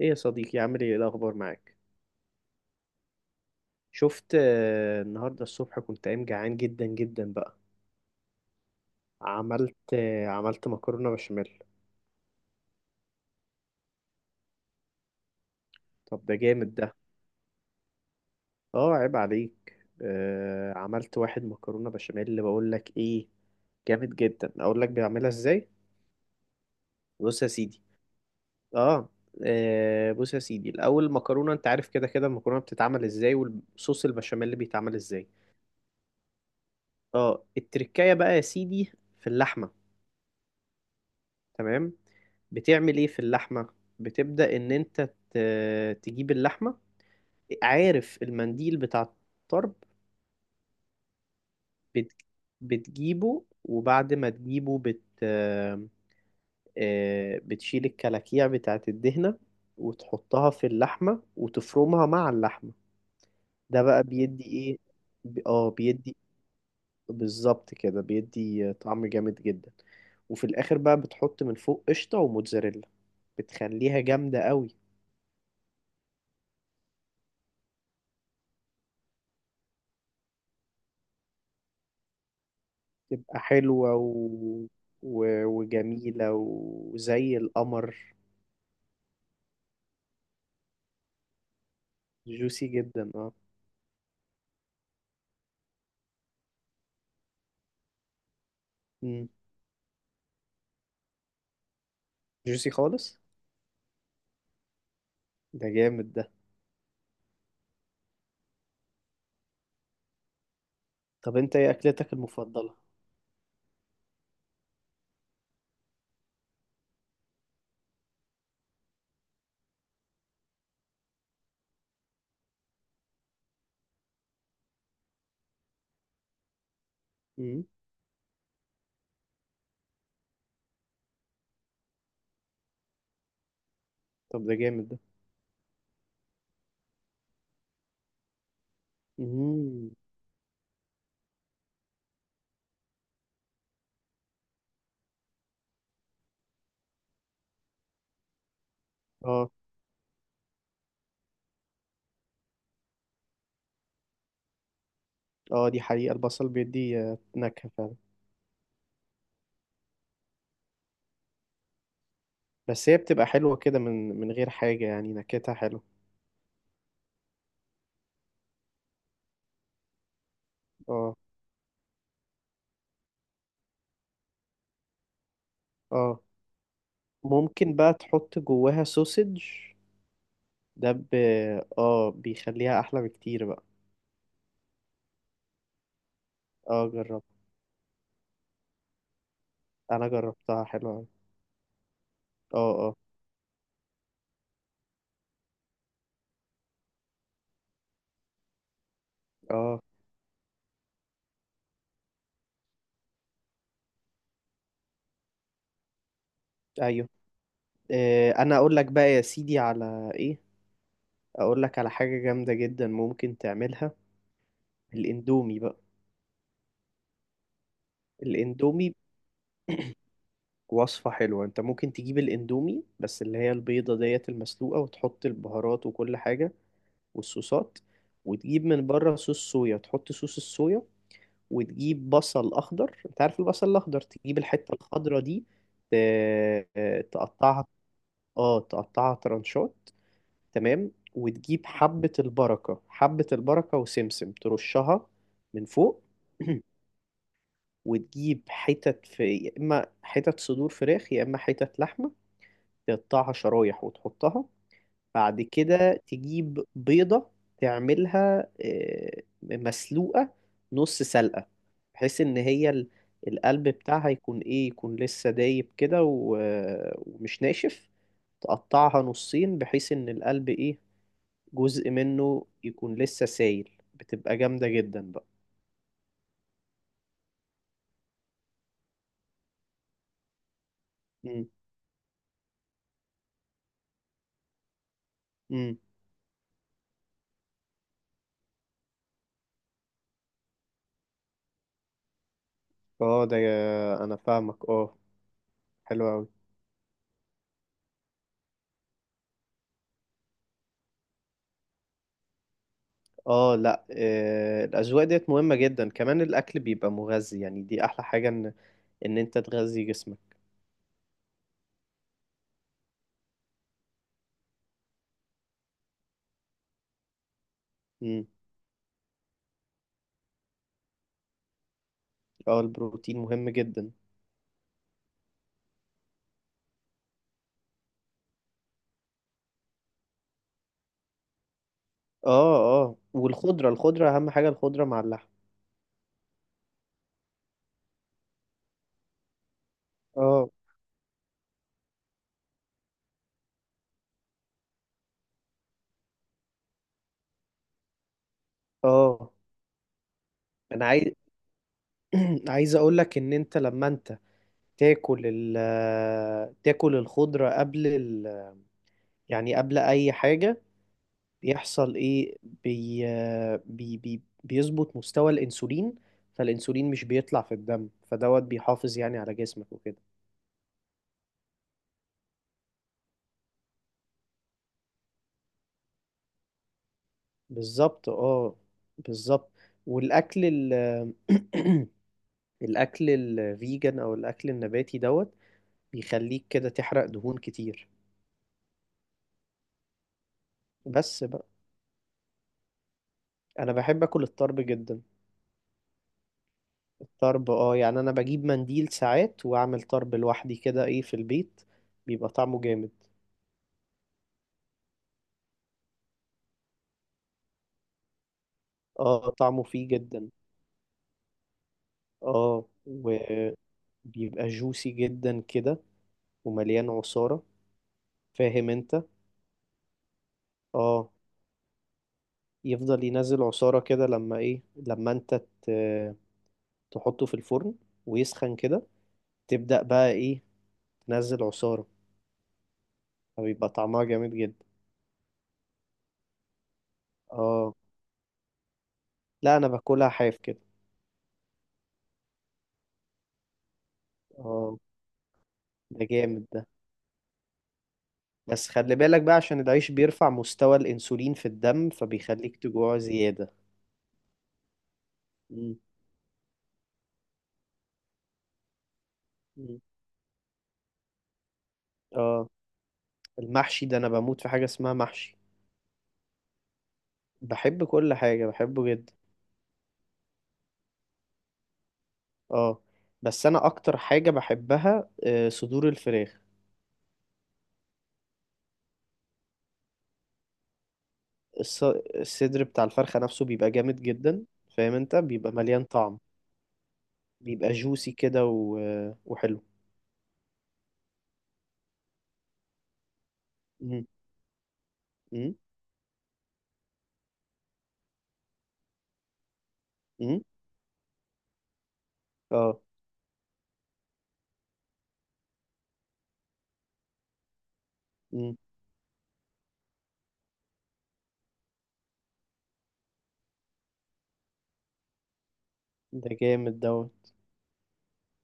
ايه يا صديقي، عامل ايه؟ إيه الاخبار معاك؟ شفت، النهارده الصبح كنت قايم جعان جدا جدا بقى. عملت مكرونه بشاميل. طب ده جامد ده. اه، عيب عليك. عملت واحد مكرونه بشاميل اللي بقول لك ايه. جامد جدا، اقول لك بيعملها ازاي. بص يا سيدي اه بص يا سيدي الاول، المكرونه انت عارف، كده كده المكرونه بتتعمل ازاي، والصوص البشاميل اللي بيتعمل ازاي. اه، التركايه بقى يا سيدي، في اللحمه. تمام. بتعمل ايه في اللحمة؟ بتبدأ ان انت تجيب اللحمة. عارف المنديل بتاع الطرب؟ بت... بتجيبه، وبعد ما تجيبه بت... آه، بتشيل الكلاكيع بتاعت الدهنة. وتحطها في اللحمة وتفرمها مع اللحمة. ده بقى بيدي ايه؟ بيدي، بالظبط كده بيدي طعم جامد جدا. وفي الاخر بقى بتحط من فوق قشطة وموتزاريلا. بتخليها جامدة قوي. تبقى حلوة وجميلة وزي القمر. جوسي جدا، اه. مم. جوسي خالص. ده جامد ده. طب انت ايه اكلتك المفضلة؟ مم. طب ده جامد ده. مم. اه. اه، دي حقيقة، البصل بيدي نكهة فعلا. بس هي بتبقى حلوة كده من غير حاجة، يعني نكهتها حلوة. اه. اه. ممكن بقى تحط جواها سوسج. ده ب... اه بيخليها احلى بكتير بقى. اه، جربت. انا جربتها حلوة أوي. اه. آه. اه. ايوه. انا اقول لك بقى يا سيدي على ايه. اقول لك على حاجة جامدة جدا ممكن تعملها. الاندومي بقى. الاندومي وصفة حلوة، انت ممكن تجيب الاندومي، بس اللي هي البيضة ديت المسلوقة وتحط البهارات وكل حاجة. والصوصات. وتجيب من بره صوص صويا، تحط صوص الصويا. وتجيب بصل اخضر، انت عارف البصل الاخضر، تجيب الحتة الخضرا دي. تقطعها. اه، تقطعها ترانشات. تمام. وتجيب حبة البركة وسمسم ترشها من فوق. وتجيب حتت، في يا إما حتت صدور فراخ يا إما حتت لحمة. تقطعها شرايح وتحطها. بعد كده تجيب بيضة. تعملها مسلوقة، نص سلقة. بحيث إن هي القلب بتاعها يكون إيه، يكون لسه دايب كده ومش ناشف. تقطعها نصين بحيث إن القلب إيه، جزء منه يكون لسه سايل، بتبقى جامدة جدا بقى. مم. مم. اه، ده انا فاهمك، اه. حلو قوي. اه، لا، الاذواق ديت مهمة جدا، كمان الاكل بيبقى مغذي، يعني دي احلى حاجة، ان انت تغذي جسمك. مم. اه، البروتين مهم جدا. اه. اه، والخضرة اهم حاجة، الخضرة مع اللحم. اه. اه، انا عايز عايز اقول لك ان انت، لما انت تاكل ال تاكل الخضرة قبل يعني قبل اي حاجة، بيحصل ايه، بي آه، بي بي بيظبط مستوى الانسولين. فالانسولين مش بيطلع في الدم، فدوت بيحافظ يعني على جسمك وكده. بالظبط، اه. بالظبط. والاكل الاكل الفيجن او الاكل النباتي دوت بيخليك كده تحرق دهون كتير. بس بقى انا بحب اكل الطرب جدا. الطرب، اه، يعني انا بجيب منديل ساعات واعمل طرب لوحدي كده، ايه، في البيت. بيبقى طعمه جامد. اه، طعمه فيه جدا. اه، وبيبقى جوسي جدا كده، ومليان عصارة، فاهم انت؟ اه، يفضل ينزل عصارة كده لما ايه، لما انت ت- تحطه في الفرن ويسخن كده. تبدأ بقى ايه، تنزل عصارة، فبيبقى طعمها جامد جدا. اه، لا انا باكلها حاف كده. اه. ده جامد ده. بس خلي بالك بقى، عشان العيش بيرفع مستوى الانسولين في الدم فبيخليك تجوع زيادة. مم. مم. اه. المحشي ده انا بموت في حاجة اسمها محشي. بحب كل حاجة، بحبه جدا. اه. بس انا اكتر حاجة بحبها صدور الفراخ. الص- الصدر بتاع الفرخة نفسه بيبقى جامد جدا. فاهم انت، بيبقى مليان طعم. بيبقى جوسي كده وحلو. مم. مم. مم. اه. مم. ده جامد دوت.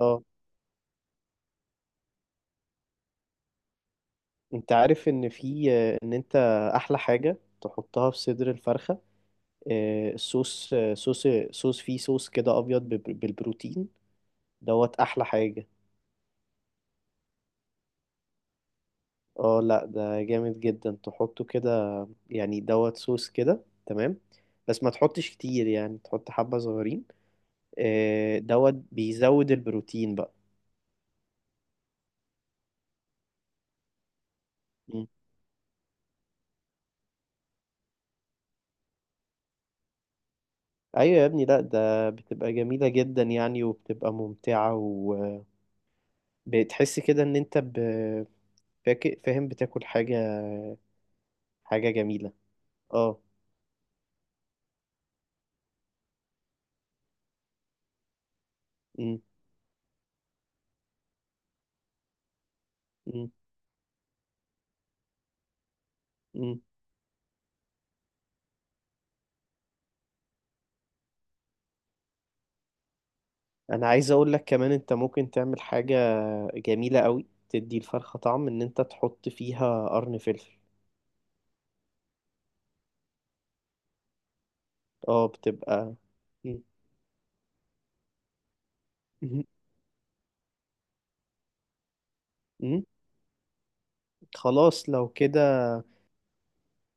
اه، انت عارف ان في، ان انت، احلى حاجة تحطها في صدر الفرخة، الصوص، صوص، صوص فيه، صوص كده ابيض بالبروتين. دوت احلى حاجة. اه، لا ده جامد جدا، تحطه كده. يعني دوت صوص كده، تمام. بس ما تحطش كتير، يعني تحط حبة صغيرين. دوت بيزود البروتين بقى. مم. ايوه يا ابني، لا ده بتبقى جميلة جدا يعني، وبتبقى ممتعة. وبتحس كده ان انت، فاهم، بتاكل حاجة جميلة. اه. مم. مم. مم. انا عايز اقول لك كمان، انت ممكن تعمل حاجة جميلة قوي تدي الفرخة طعم، ان انت تحط فيها قرن فلفل. اه، بتبقى. مم. مم. مم. خلاص لو كده.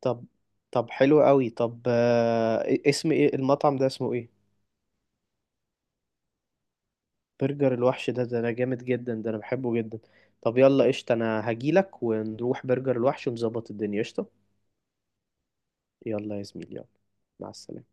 طب طب حلو قوي. طب، اسم ايه المطعم ده، اسمه ايه؟ برجر الوحش، ده انا جامد جدا، ده انا بحبه جدا. طب يلا قشطة، انا هجيلك ونروح برجر الوحش ونظبط الدنيا، قشطة. يلا يا زميلي، يلا. مع السلامة.